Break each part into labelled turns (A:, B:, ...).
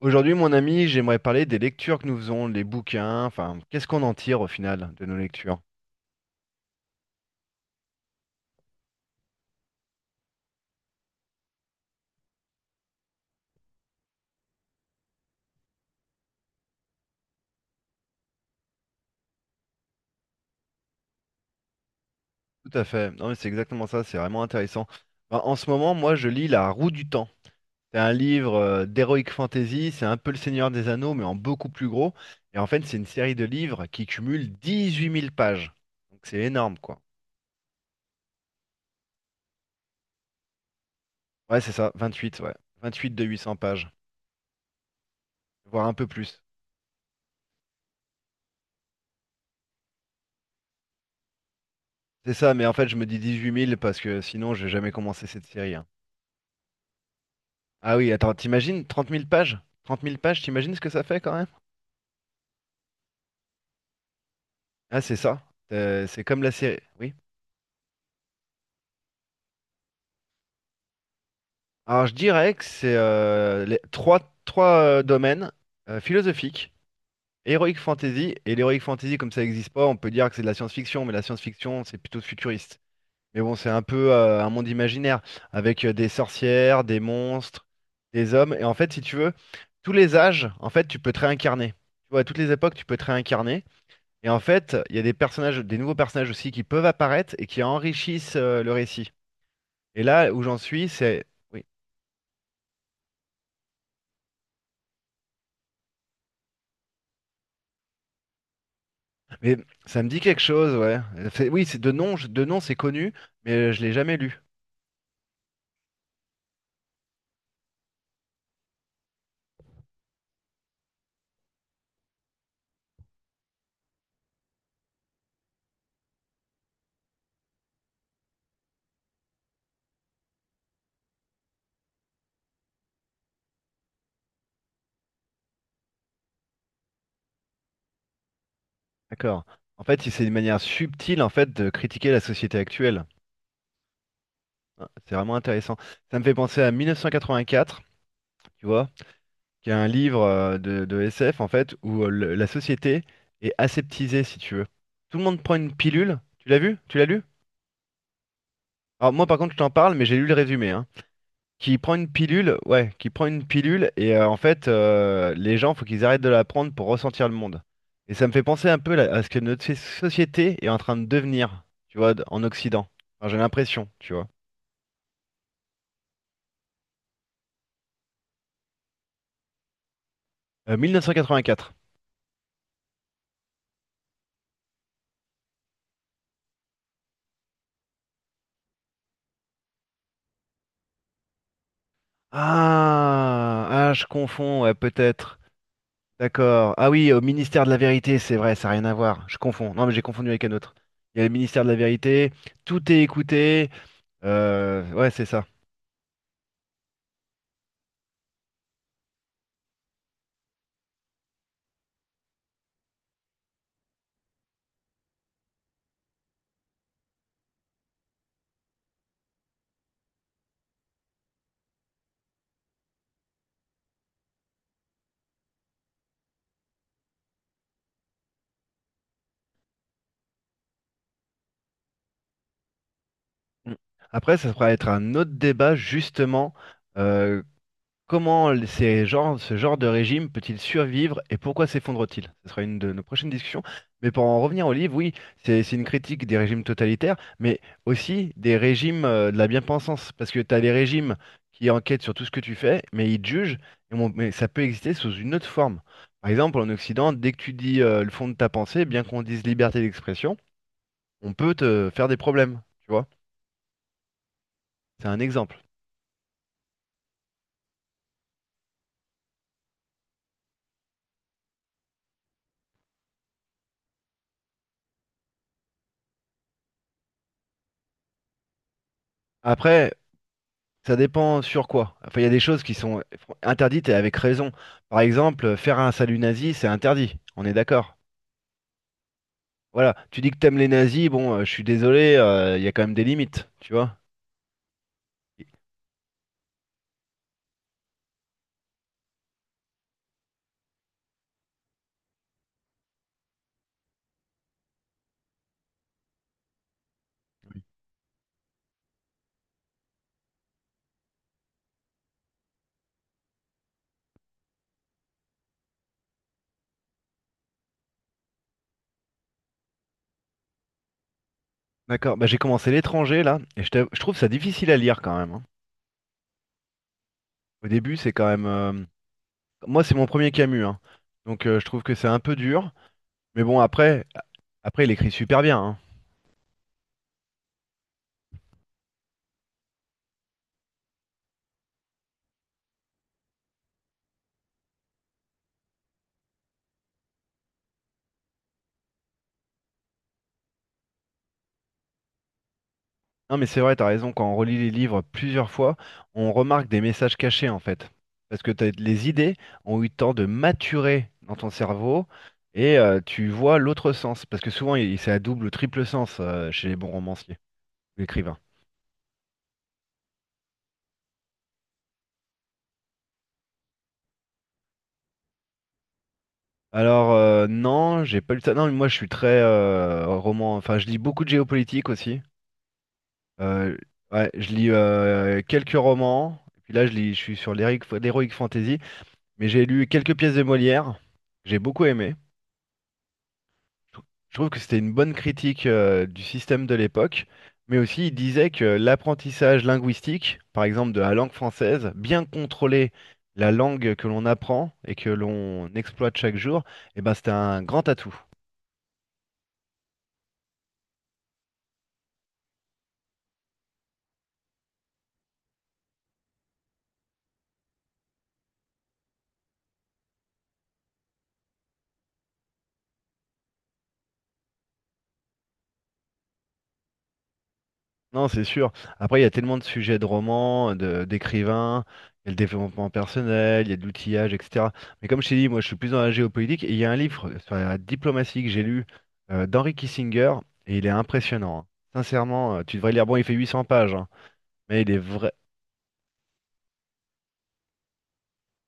A: Aujourd'hui, mon ami, j'aimerais parler des lectures que nous faisons, les bouquins, enfin, qu'est-ce qu'on en tire au final de nos lectures? Tout à fait. Non, mais c'est exactement ça, c'est vraiment intéressant. Ben, en ce moment, moi, je lis La Roue du Temps. C'est un livre d'heroic fantasy, c'est un peu Le Seigneur des Anneaux, mais en beaucoup plus gros. Et en fait, c'est une série de livres qui cumule 18 000 pages. Donc c'est énorme, quoi. Ouais, c'est ça, 28, ouais. 28 de 800 pages, voire un peu plus. C'est ça, mais en fait, je me dis 18 000 parce que sinon, je vais jamais commencer cette série, hein. Ah oui, attends, t'imagines 30 000 pages? Trente mille pages, t'imagines ce que ça fait quand même? Ah, c'est ça. C'est comme la série. Oui. Alors, je dirais que c'est les trois domaines philosophiques, heroic fantasy. Et l'heroic fantasy, comme ça n'existe pas, on peut dire que c'est de la science-fiction, mais la science-fiction, c'est plutôt futuriste. Mais bon, c'est un peu un monde imaginaire, avec des sorcières, des monstres, des hommes. Et en fait, si tu veux, tous les âges, en fait, tu peux te réincarner. Tu vois, à toutes les époques, tu peux te réincarner. Et en fait, il y a des personnages, des nouveaux personnages aussi qui peuvent apparaître et qui enrichissent le récit. Et là où j'en suis, c'est... Oui, mais ça me dit quelque chose, ouais. Oui, c'est de nom, de nom c'est connu, mais je l'ai jamais lu. D'accord. En fait, c'est une manière subtile en fait de critiquer la société actuelle. Ah, c'est vraiment intéressant. Ça me fait penser à 1984, tu vois, qui est un livre de SF en fait où la société est aseptisée, si tu veux. Tout le monde prend une pilule. Tu l'as vu? Tu l'as lu? Alors moi par contre je t'en parle mais j'ai lu le résumé hein. Qui prend une pilule, ouais, qui prend une pilule et en fait les gens faut qu'ils arrêtent de la prendre pour ressentir le monde. Et ça me fait penser un peu là, à ce que notre société est en train de devenir, tu vois, en Occident. Enfin, j'ai l'impression, tu vois. 1984. Ah, ah, je confonds, ouais, peut-être. D'accord. Ah oui, au ministère de la vérité, c'est vrai, ça n'a rien à voir. Je confonds. Non, mais j'ai confondu avec un autre. Il y a le ministère de la vérité, tout est écouté, ouais, c'est ça. Mm. Après, ça pourrait être un autre débat, justement. euh, comment ce genre de régime peut-il survivre et pourquoi s'effondre-t-il? Ce sera une de nos prochaines discussions. Mais pour en revenir au livre, oui, c'est une critique des régimes totalitaires, mais aussi des régimes de la bien-pensance. Parce que tu as les régimes qui enquêtent sur tout ce que tu fais, mais ils te jugent, et mais ça peut exister sous une autre forme. Par exemple, en Occident, dès que tu dis le fond de ta pensée, bien qu'on dise liberté d'expression, on peut te faire des problèmes. Tu vois? C'est un exemple. Après, ça dépend sur quoi. Enfin, il y a des choses qui sont interdites et avec raison. Par exemple, faire un salut nazi, c'est interdit. On est d'accord. Voilà. Tu dis que t'aimes les nazis, bon, je suis désolé, il y a quand même des limites, tu vois. D'accord. Bah, j'ai commencé l'étranger là, et je trouve ça difficile à lire quand même, hein. Au début, c'est quand même. Moi, c'est mon premier Camus, hein. Donc, je trouve que c'est un peu dur. Mais bon, après, il écrit super bien, hein. Non, mais c'est vrai, t'as raison, quand on relit les livres plusieurs fois, on remarque des messages cachés en fait. Parce que les idées ont eu le temps de maturer dans ton cerveau et tu vois l'autre sens. Parce que souvent, c'est à double ou triple sens chez les bons romanciers, ou écrivains. Alors, non, j'ai pas lu ça. Non, mais moi, je suis très roman. Enfin, je lis beaucoup de géopolitique aussi. Euh, ouais, je lis quelques romans. Et puis là, je suis sur l'héroïque fantasy. Mais j'ai lu quelques pièces de Molière. J'ai beaucoup aimé. Je trouve que c'était une bonne critique du système de l'époque, mais aussi il disait que l'apprentissage linguistique, par exemple de la langue française, bien contrôler la langue que l'on apprend et que l'on exploite chaque jour, eh ben, c'était un grand atout. Non, c'est sûr. Après, il y a tellement de sujets de romans, d'écrivains, il y a le développement personnel, il y a de l'outillage, etc. Mais comme je t'ai dit, moi, je suis plus dans la géopolitique et il y a un livre sur la diplomatie que j'ai lu d'Henry Kissinger et il est impressionnant, hein. Sincèrement, tu devrais le lire. Bon, il fait 800 pages, hein, mais il est vrai.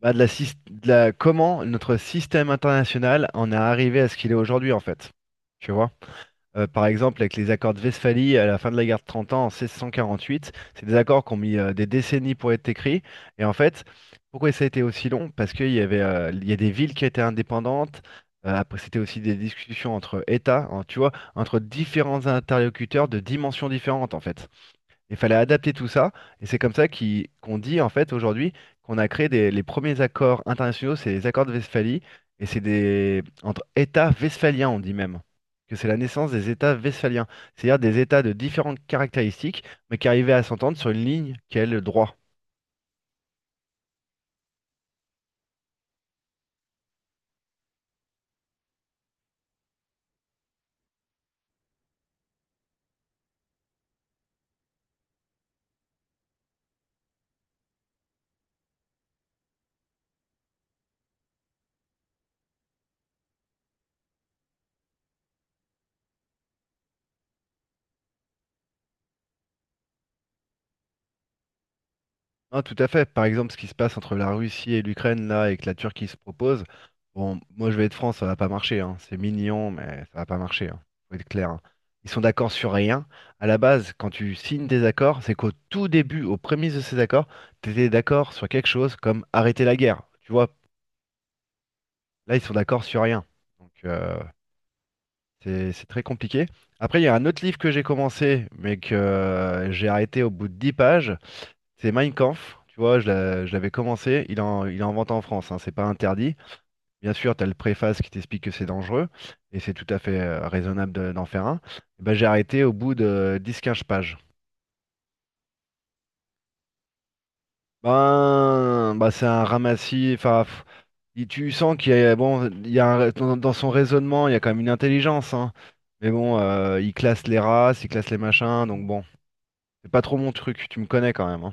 A: Bah, de la, sys- de la- comment notre système international en est arrivé à ce qu'il est aujourd'hui, en fait. Tu vois? Par exemple, avec les accords de Westphalie à la fin de la guerre de Trente ans en 1648, c'est des accords qui ont mis des décennies pour être écrits. Et en fait, pourquoi ça a été aussi long? Parce qu'il y a des villes qui étaient indépendantes. Après, c'était aussi des discussions entre États, hein, tu vois, entre différents interlocuteurs de dimensions différentes, en fait. Il fallait adapter tout ça, et c'est comme ça qu'on dit en fait aujourd'hui qu'on a créé les premiers accords internationaux, c'est les accords de Westphalie, et c'est des entre États westphaliens, on dit même que c'est la naissance des États westphaliens, c'est-à-dire des États de différentes caractéristiques, mais qui arrivaient à s'entendre sur une ligne qui est le droit. Non, tout à fait. Par exemple, ce qui se passe entre la Russie et l'Ukraine, là, et que la Turquie se propose, bon, moi je vais être franc, ça va pas marcher, hein. C'est mignon, mais ça va pas marcher, hein. Faut être clair, hein. Ils sont d'accord sur rien. À la base, quand tu signes des accords, c'est qu'au tout début, aux prémices de ces accords, tu étais d'accord sur quelque chose comme arrêter la guerre. Tu vois, là, ils sont d'accord sur rien. Donc, c'est très compliqué. Après, il y a un autre livre que j'ai commencé, mais que j'ai arrêté au bout de 10 pages. C'est Mein Kampf, tu vois, je l'avais commencé, il est en vente en France, hein, c'est pas interdit. Bien sûr, tu as le préface qui t'explique que c'est dangereux, et c'est tout à fait raisonnable d'en faire un. Et ben, j'ai arrêté au bout de dix quinze pages. Ben, bah, c'est un ramassis, enfin, pff, tu sens qu'il y a, bon, il y a un- dans son raisonnement, il y a quand même une intelligence, hein. Mais bon, il classe les races, il classe les machins, donc bon. C'est pas trop mon truc, tu me connais quand même, hein.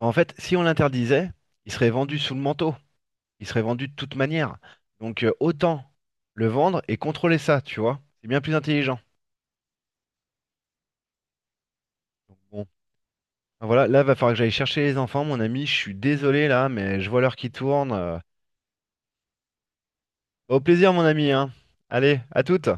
A: En fait, si on l'interdisait, il serait vendu sous le manteau. Il serait vendu de toute manière. Donc autant le vendre et contrôler ça, tu vois. C'est bien plus intelligent. Bon, ben voilà, là, va falloir que j'aille chercher les enfants, mon ami. Je suis désolé là, mais je vois l'heure qui tourne. Au plaisir, mon ami, hein. Allez, à toutes.